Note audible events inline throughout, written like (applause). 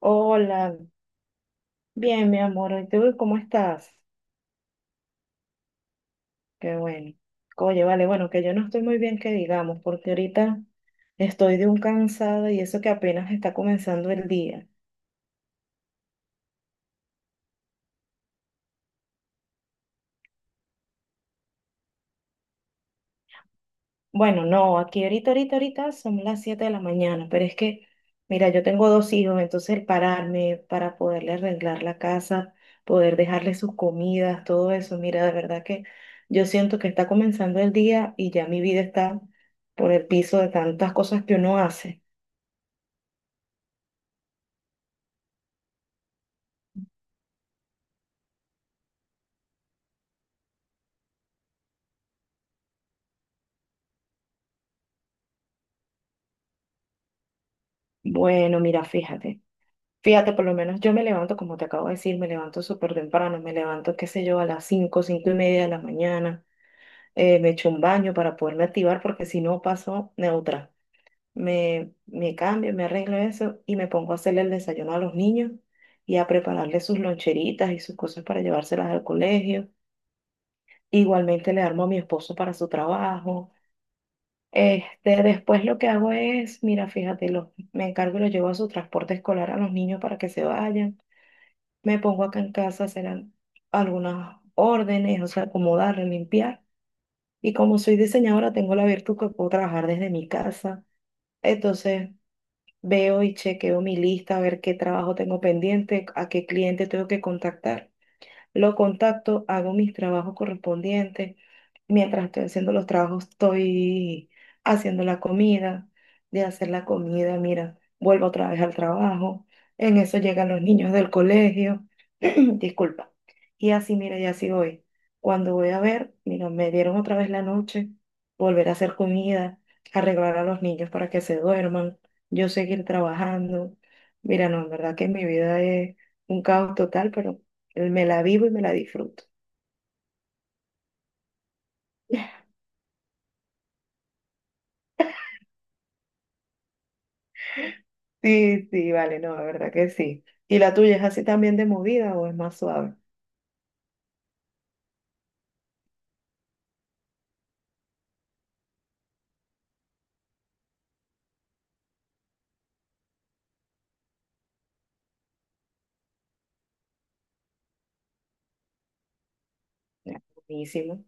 Hola, bien, mi amor. ¿Y tú cómo estás? Qué bueno. Oye, vale, bueno, que yo no estoy muy bien, que digamos, porque ahorita estoy de un cansado y eso que apenas está comenzando el día. Bueno, no, aquí ahorita son las 7 de la mañana, pero es que, mira, yo tengo dos hijos, entonces el pararme para poderle arreglar la casa, poder dejarle sus comidas, todo eso, mira, de verdad que yo siento que está comenzando el día y ya mi vida está por el piso de tantas cosas que uno hace. Bueno, mira, fíjate, por lo menos yo me levanto, como te acabo de decir, me levanto súper temprano, me levanto, qué sé yo, a las cinco, y media de la mañana, me echo un baño para poderme activar porque si no paso neutra. Me cambio, me arreglo eso y me pongo a hacerle el desayuno a los niños y a prepararles sus loncheritas y sus cosas para llevárselas al colegio. Igualmente le armo a mi esposo para su trabajo. Este, después lo que hago es, mira, fíjate, me encargo y lo llevo a su transporte escolar a los niños para que se vayan. Me pongo acá en casa a hacer algunas órdenes, o sea, acomodar, limpiar. Y como soy diseñadora, tengo la virtud que puedo trabajar desde mi casa. Entonces, veo y chequeo mi lista, a ver qué trabajo tengo pendiente, a qué cliente tengo que contactar. Lo contacto, hago mis trabajos correspondientes. Mientras estoy haciendo los trabajos, estoy haciendo la comida. De hacer la comida, mira, vuelvo otra vez al trabajo. En eso llegan los niños del colegio. (clears throat) Disculpa. Y así, mira, y así voy. Cuando voy a ver, mira, me dieron otra vez la noche, volver a hacer comida, arreglar a los niños para que se duerman, yo seguir trabajando. Mira, no, en verdad que mi vida es un caos total, pero me la vivo y me la disfruto. Sí, sí, vale, no, la verdad que sí. ¿Y la tuya es así también de movida o es más suave? Ah, buenísimo.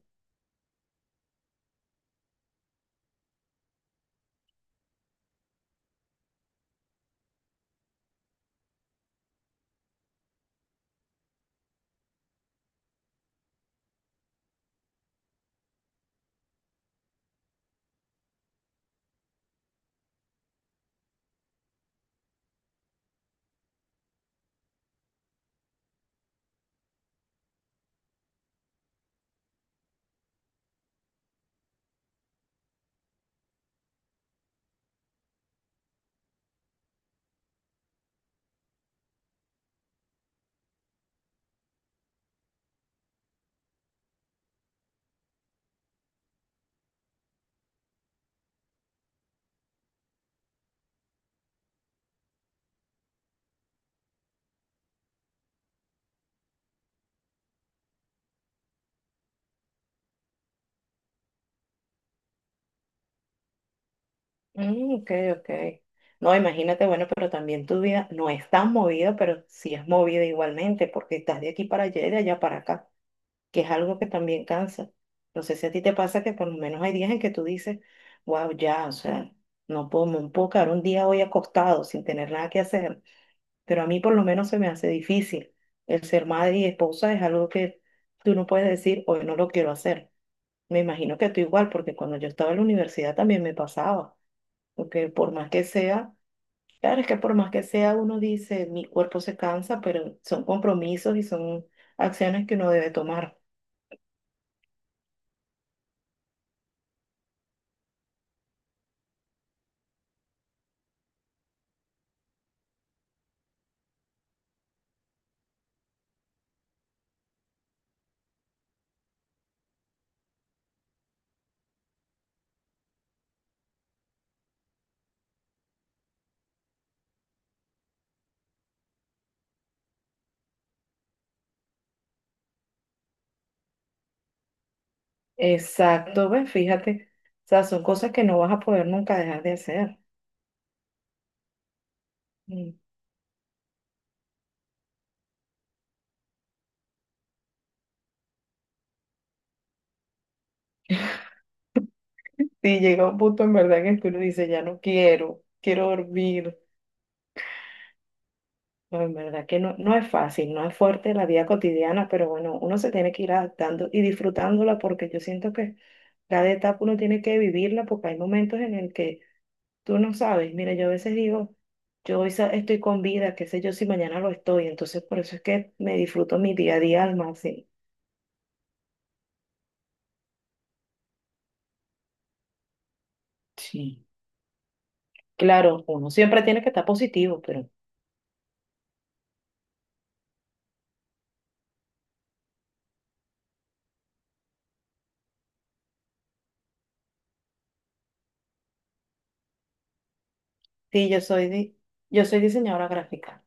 Mm, ok, ok. No, imagínate, bueno, pero también tu vida no es tan movida, pero sí es movida igualmente, porque estás de aquí para allá y de allá para acá, que es algo que también cansa. No sé si a ti te pasa que por lo menos hay días en que tú dices, wow, ya, o sea, no puedo, no puedo quedar un día hoy acostado sin tener nada que hacer, pero a mí por lo menos se me hace difícil. El ser madre y esposa es algo que tú no puedes decir, hoy no lo quiero hacer. Me imagino que tú igual, porque cuando yo estaba en la universidad también me pasaba, porque por más que sea, claro, es que por más que sea, uno dice, mi cuerpo se cansa, pero son compromisos y son acciones que uno debe tomar. Exacto, ves, fíjate, o sea, son cosas que no vas a poder nunca dejar de hacer. Mm. Sí, llega un punto en verdad en el que uno dice, ya no quiero, quiero dormir. No, en verdad que no, no es fácil, no es fuerte la vida cotidiana, pero bueno, uno se tiene que ir adaptando y disfrutándola porque yo siento que cada etapa uno tiene que vivirla porque hay momentos en el que tú no sabes. Mira, yo a veces digo, yo hoy estoy con vida, qué sé yo si mañana lo estoy, entonces por eso es que me disfruto mi día a día al máximo. Sí. Claro, uno siempre tiene que estar positivo, pero sí, yo soy diseñadora gráfica.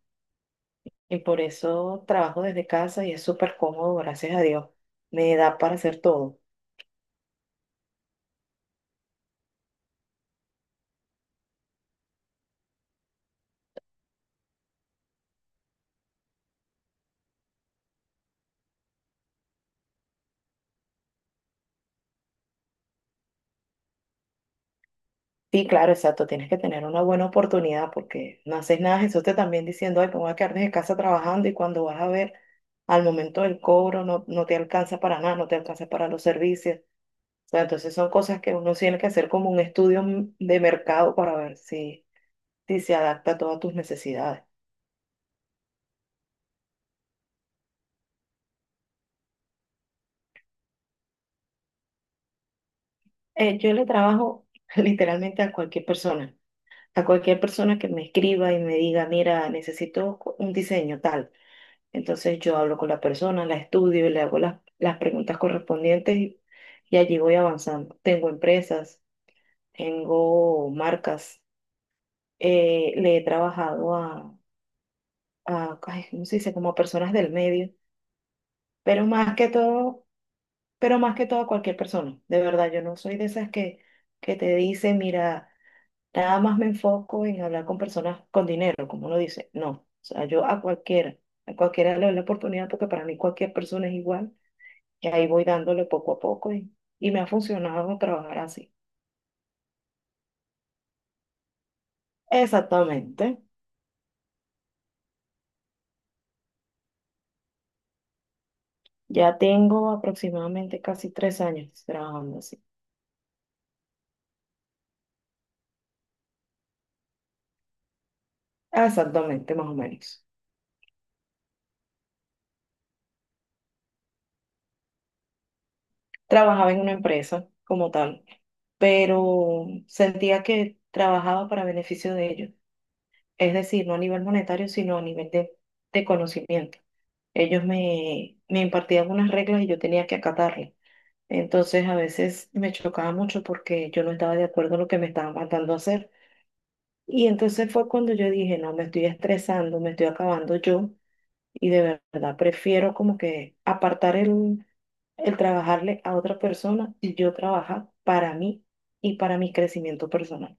Y por eso trabajo desde casa y es súper cómodo, gracias a Dios. Me da para hacer todo. Sí, claro, exacto. Tienes que tener una buena oportunidad porque no haces nada. Jesús te también diciendo, ay, me voy a quedar desde casa trabajando y cuando vas a ver, al momento del cobro no, no te alcanza para nada, no te alcanza para los servicios. O sea, entonces son cosas que uno tiene que hacer como un estudio de mercado para ver si, si se adapta a todas tus necesidades. Yo le trabajo (laughs) literalmente a cualquier persona, a cualquier persona que me escriba y me diga, mira, necesito un diseño tal. Entonces yo hablo con la persona, la estudio, le hago las preguntas correspondientes y allí voy avanzando. Tengo empresas, tengo marcas, le he trabajado ay, ¿cómo se dice? Como a personas del medio, pero más que todo, pero más que todo a cualquier persona. De verdad, yo no soy de esas que te dice, mira. Nada más me enfoco en hablar con personas con dinero, como uno dice. No, o sea, yo a cualquiera le doy la oportunidad porque para mí cualquier persona es igual y ahí voy dándole poco a poco y me ha funcionado trabajar así. Exactamente. Ya tengo aproximadamente casi 3 años trabajando así. Exactamente, más o menos. Trabajaba en una empresa como tal, pero sentía que trabajaba para beneficio de ellos. Es decir, no a nivel monetario, sino a nivel de conocimiento. Ellos me impartían unas reglas y yo tenía que acatarlas. Entonces a veces me chocaba mucho porque yo no estaba de acuerdo en lo que me estaban mandando a hacer. Y entonces fue cuando yo dije, no, me estoy estresando, me estoy acabando yo y de verdad prefiero como que apartar el trabajarle a otra persona y yo trabajar para mí y para mi crecimiento personal.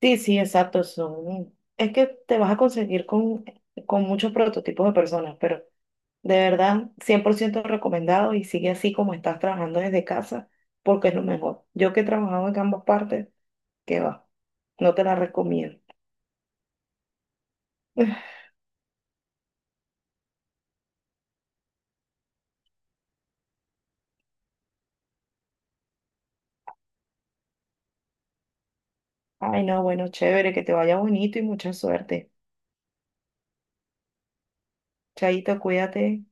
Sí, sí, exacto. Son... Es que te vas a conseguir con muchos prototipos de personas, pero de verdad, 100% recomendado y sigue así como estás trabajando desde casa, porque es lo mejor. Yo que he trabajado en ambas partes, que va, no te la recomiendo. (laughs) Ay, no, bueno, chévere, que te vaya bonito y mucha suerte. Chaito, cuídate.